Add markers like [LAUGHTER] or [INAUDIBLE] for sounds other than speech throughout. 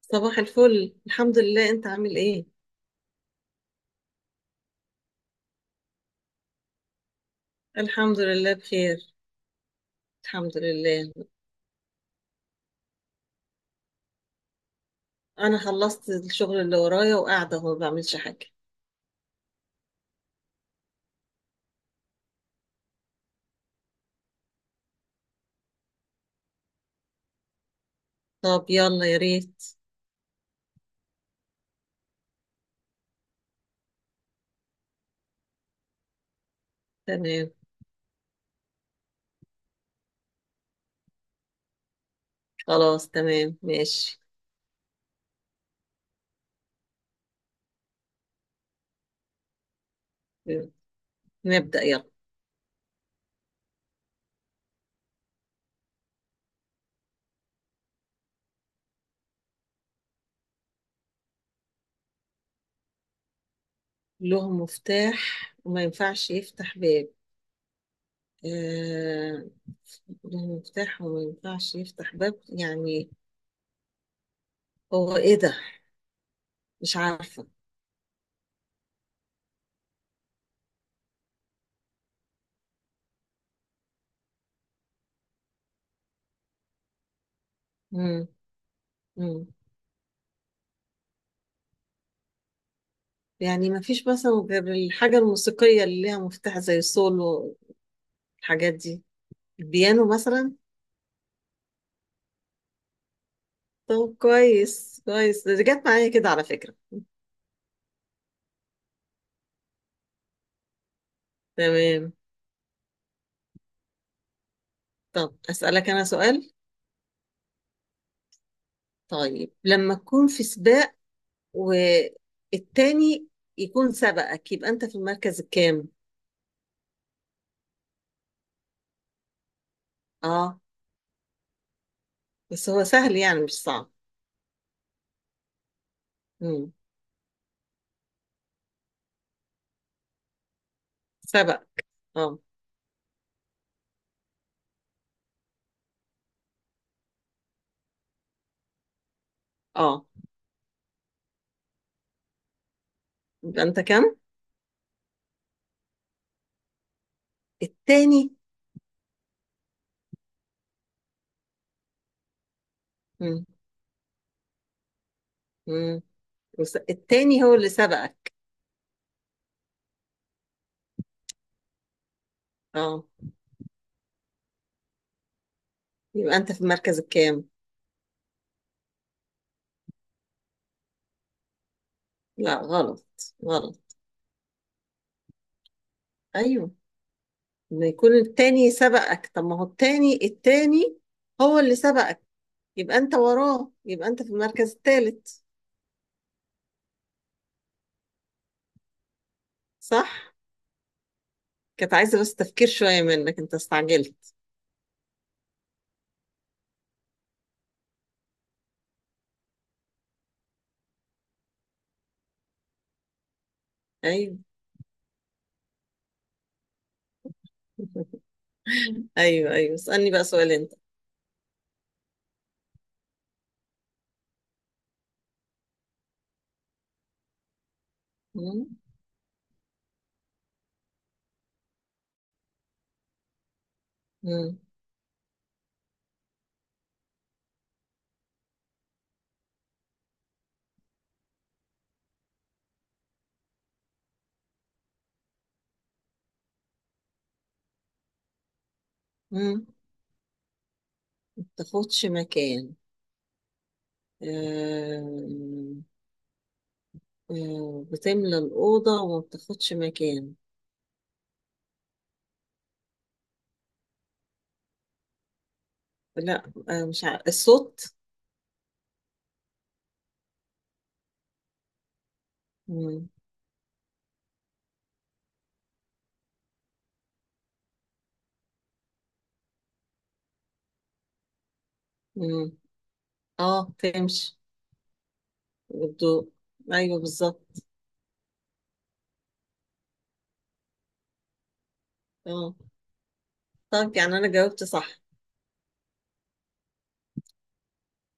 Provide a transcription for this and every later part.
صباح الفل، الحمد لله. انت عامل ايه؟ الحمد لله بخير. الحمد لله. انا خلصت الشغل اللي ورايا وقاعده اهو ما بعملش حاجه. طب يلا يا ريت. تمام. خلاص تمام ماشي. نبدأ يلا. له مفتاح وما ينفعش يفتح باب. آه... له مفتاح وما ينفعش يفتح باب يعني. هو ايه ده؟ مش عارفه. مم. مم. يعني ما فيش مثلا غير الحاجة الموسيقية اللي ليها مفتاح زي سولو. الحاجات دي. البيانو مثلا. طب كويس كويس، ده جت معايا كده على فكرة. تمام. طب أسألك أنا سؤال. طيب لما تكون في سباق والتاني يكون سبقك، يبقى أنت في المركز الكام؟ آه. بس هو سهل يعني مش صعب. مم. سبق. آه. آه. يبقى أنت كام؟ التاني. مم. مم. التاني هو اللي سبقك. آه. يبقى أنت في المركز الكام؟ لا غلط. غلط. أيوه. إن يكون التاني سبقك، طب ما هو التاني التاني هو اللي سبقك. يبقى انت وراه، يبقى انت في المركز الثالث. صح. كانت عايزة بس تفكير شوية منك، انت استعجلت. ايوه. [LAUGHS] ايوه ايوه، اسألني بقى سؤال انت. مم. مم. مم. ما بتاخدش مكان. آم، بتملى الأوضة وما بتاخدش مكان. لا، مش عارف. الصوت؟ مم. مم. اه، تمشي. والضوء. ايوه بالظبط. اه. طب يعني انا جاوبت صح؟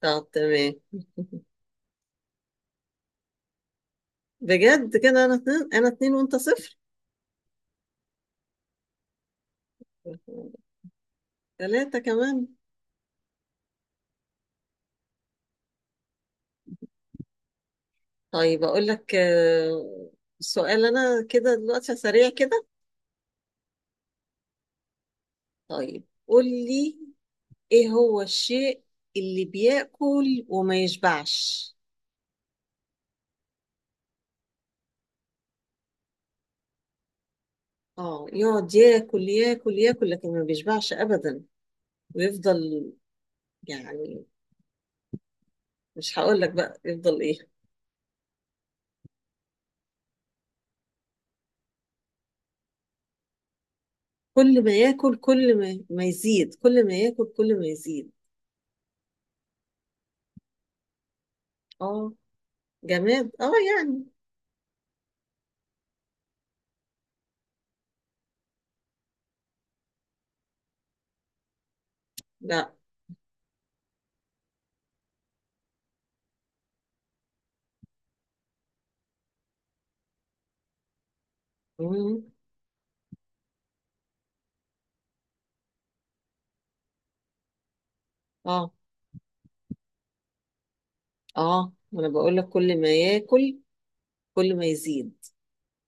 طب تمام. [LAUGHS] بجد كده انا 2، انا 2 وانت 0. 3 كمان. طيب اقول لك، سؤال انا كده دلوقتي سريع كده. طيب قول لي، ايه هو الشيء اللي بياكل وما يشبعش؟ اه يقعد ياكل ياكل ياكل لكن ما بيشبعش ابدا، ويفضل يعني. مش هقول لك بقى يفضل ايه. كل ما ياكل كل ما يزيد، كل ما ياكل كل ما يزيد. اه، جماد اه يعني. لا. مم. اه اه، ما انا بقول لك كل ما ياكل كل ما يزيد،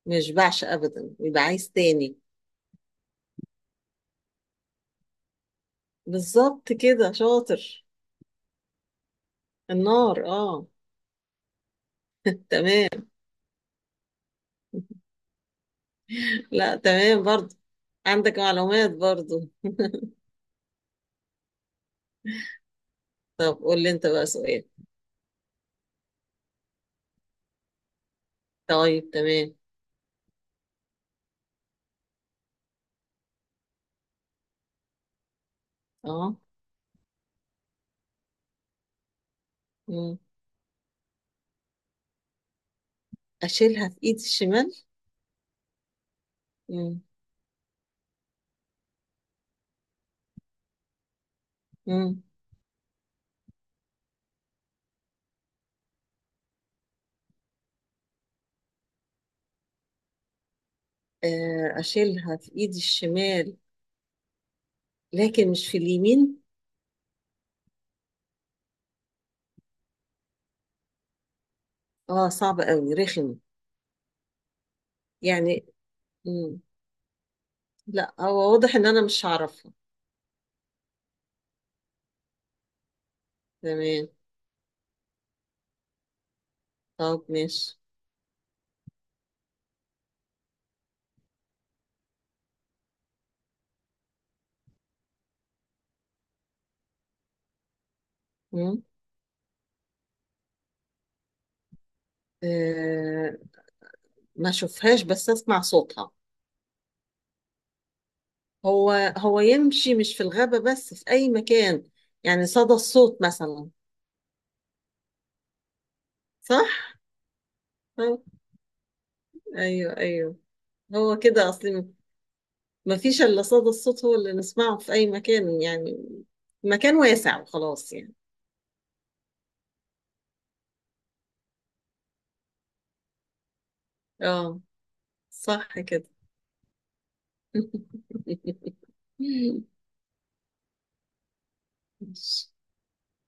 ما يشبعش ابدا ويبقى عايز تاني. بالظبط كده شاطر. النار اه. [LAUGHS] تمام. لا تمام برضو، عندك معلومات برضو. طب قول لي انت بقى سؤال. طيب تمام. اه. مم. اشيلها في ايدي الشمال. مم. مم. آه، اشيلها في ايدي الشمال لكن مش في اليمين. اه صعب قوي رخم يعني. مم. لا هو واضح ان انا مش هعرفها. تمام. طب ماشي. مم. آه ما اشوفهاش بس اسمع صوتها. هو هو يمشي مش في الغابة بس في اي مكان. يعني صدى الصوت مثلا. صح. آه، ايوه ايوه. هو كده اصلي. ما فيش الا صدى الصوت، هو اللي نسمعه في اي مكان يعني. مكان واسع وخلاص يعني. اه صح كده. [LAUGHS] ماشي.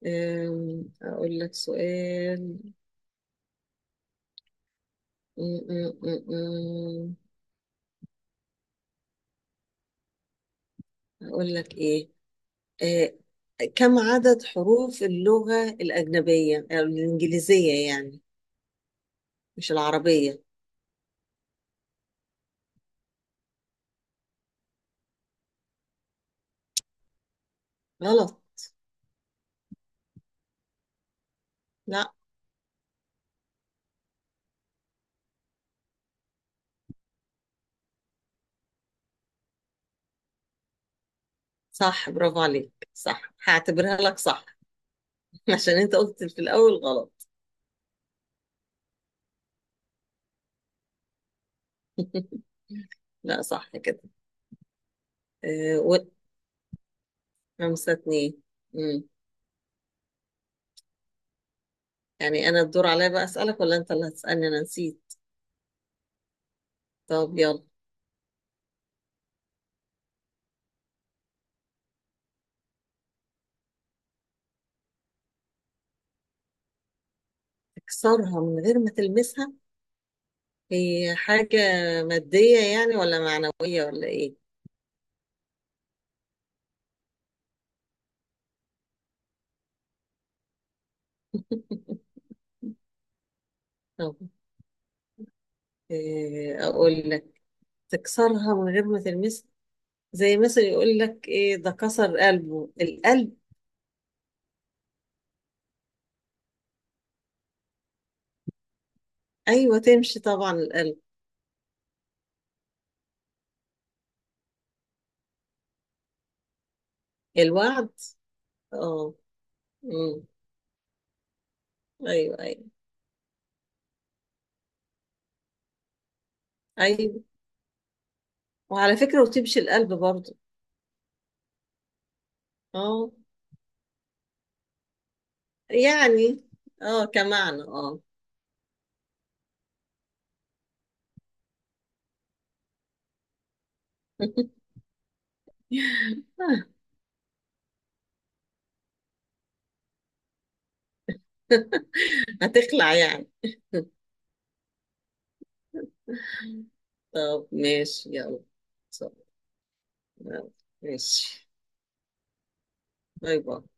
اقول لك سؤال. أقول لك إيه، آه، كم عدد حروف اللغة الأجنبية أو الإنجليزية يعني، مش العربية؟ غلط. لا صح، برافو عليك. صح هعتبرها لك صح. [LAUGHS] عشان أنت قلت في الأول غلط. [LAUGHS] لا صح كده. آه، و- 5-2. مم. يعني أنا الدور عليا بقى أسألك، ولا أنت اللي هتسألني؟ أنا نسيت. طب يلا. تكسرها من غير ما تلمسها. هي حاجة مادية يعني ولا معنوية ولا إيه؟ طب إيه أقول لك. تكسرها من غير ما تلمسها. زي مثلا يقول لك إيه؟ ده كسر قلبه، القلب. أيوة تمشي طبعا القلب. الوعد. اه. أمم. أيوة أيوة. أيوة. وعلى فكرة، وتمشي القلب برضو. اه يعني اه كمعنى اه. [LAUGHS] هتخلع يعني. طب ماشي يلا. طب، يلا. ماشي. باي باي.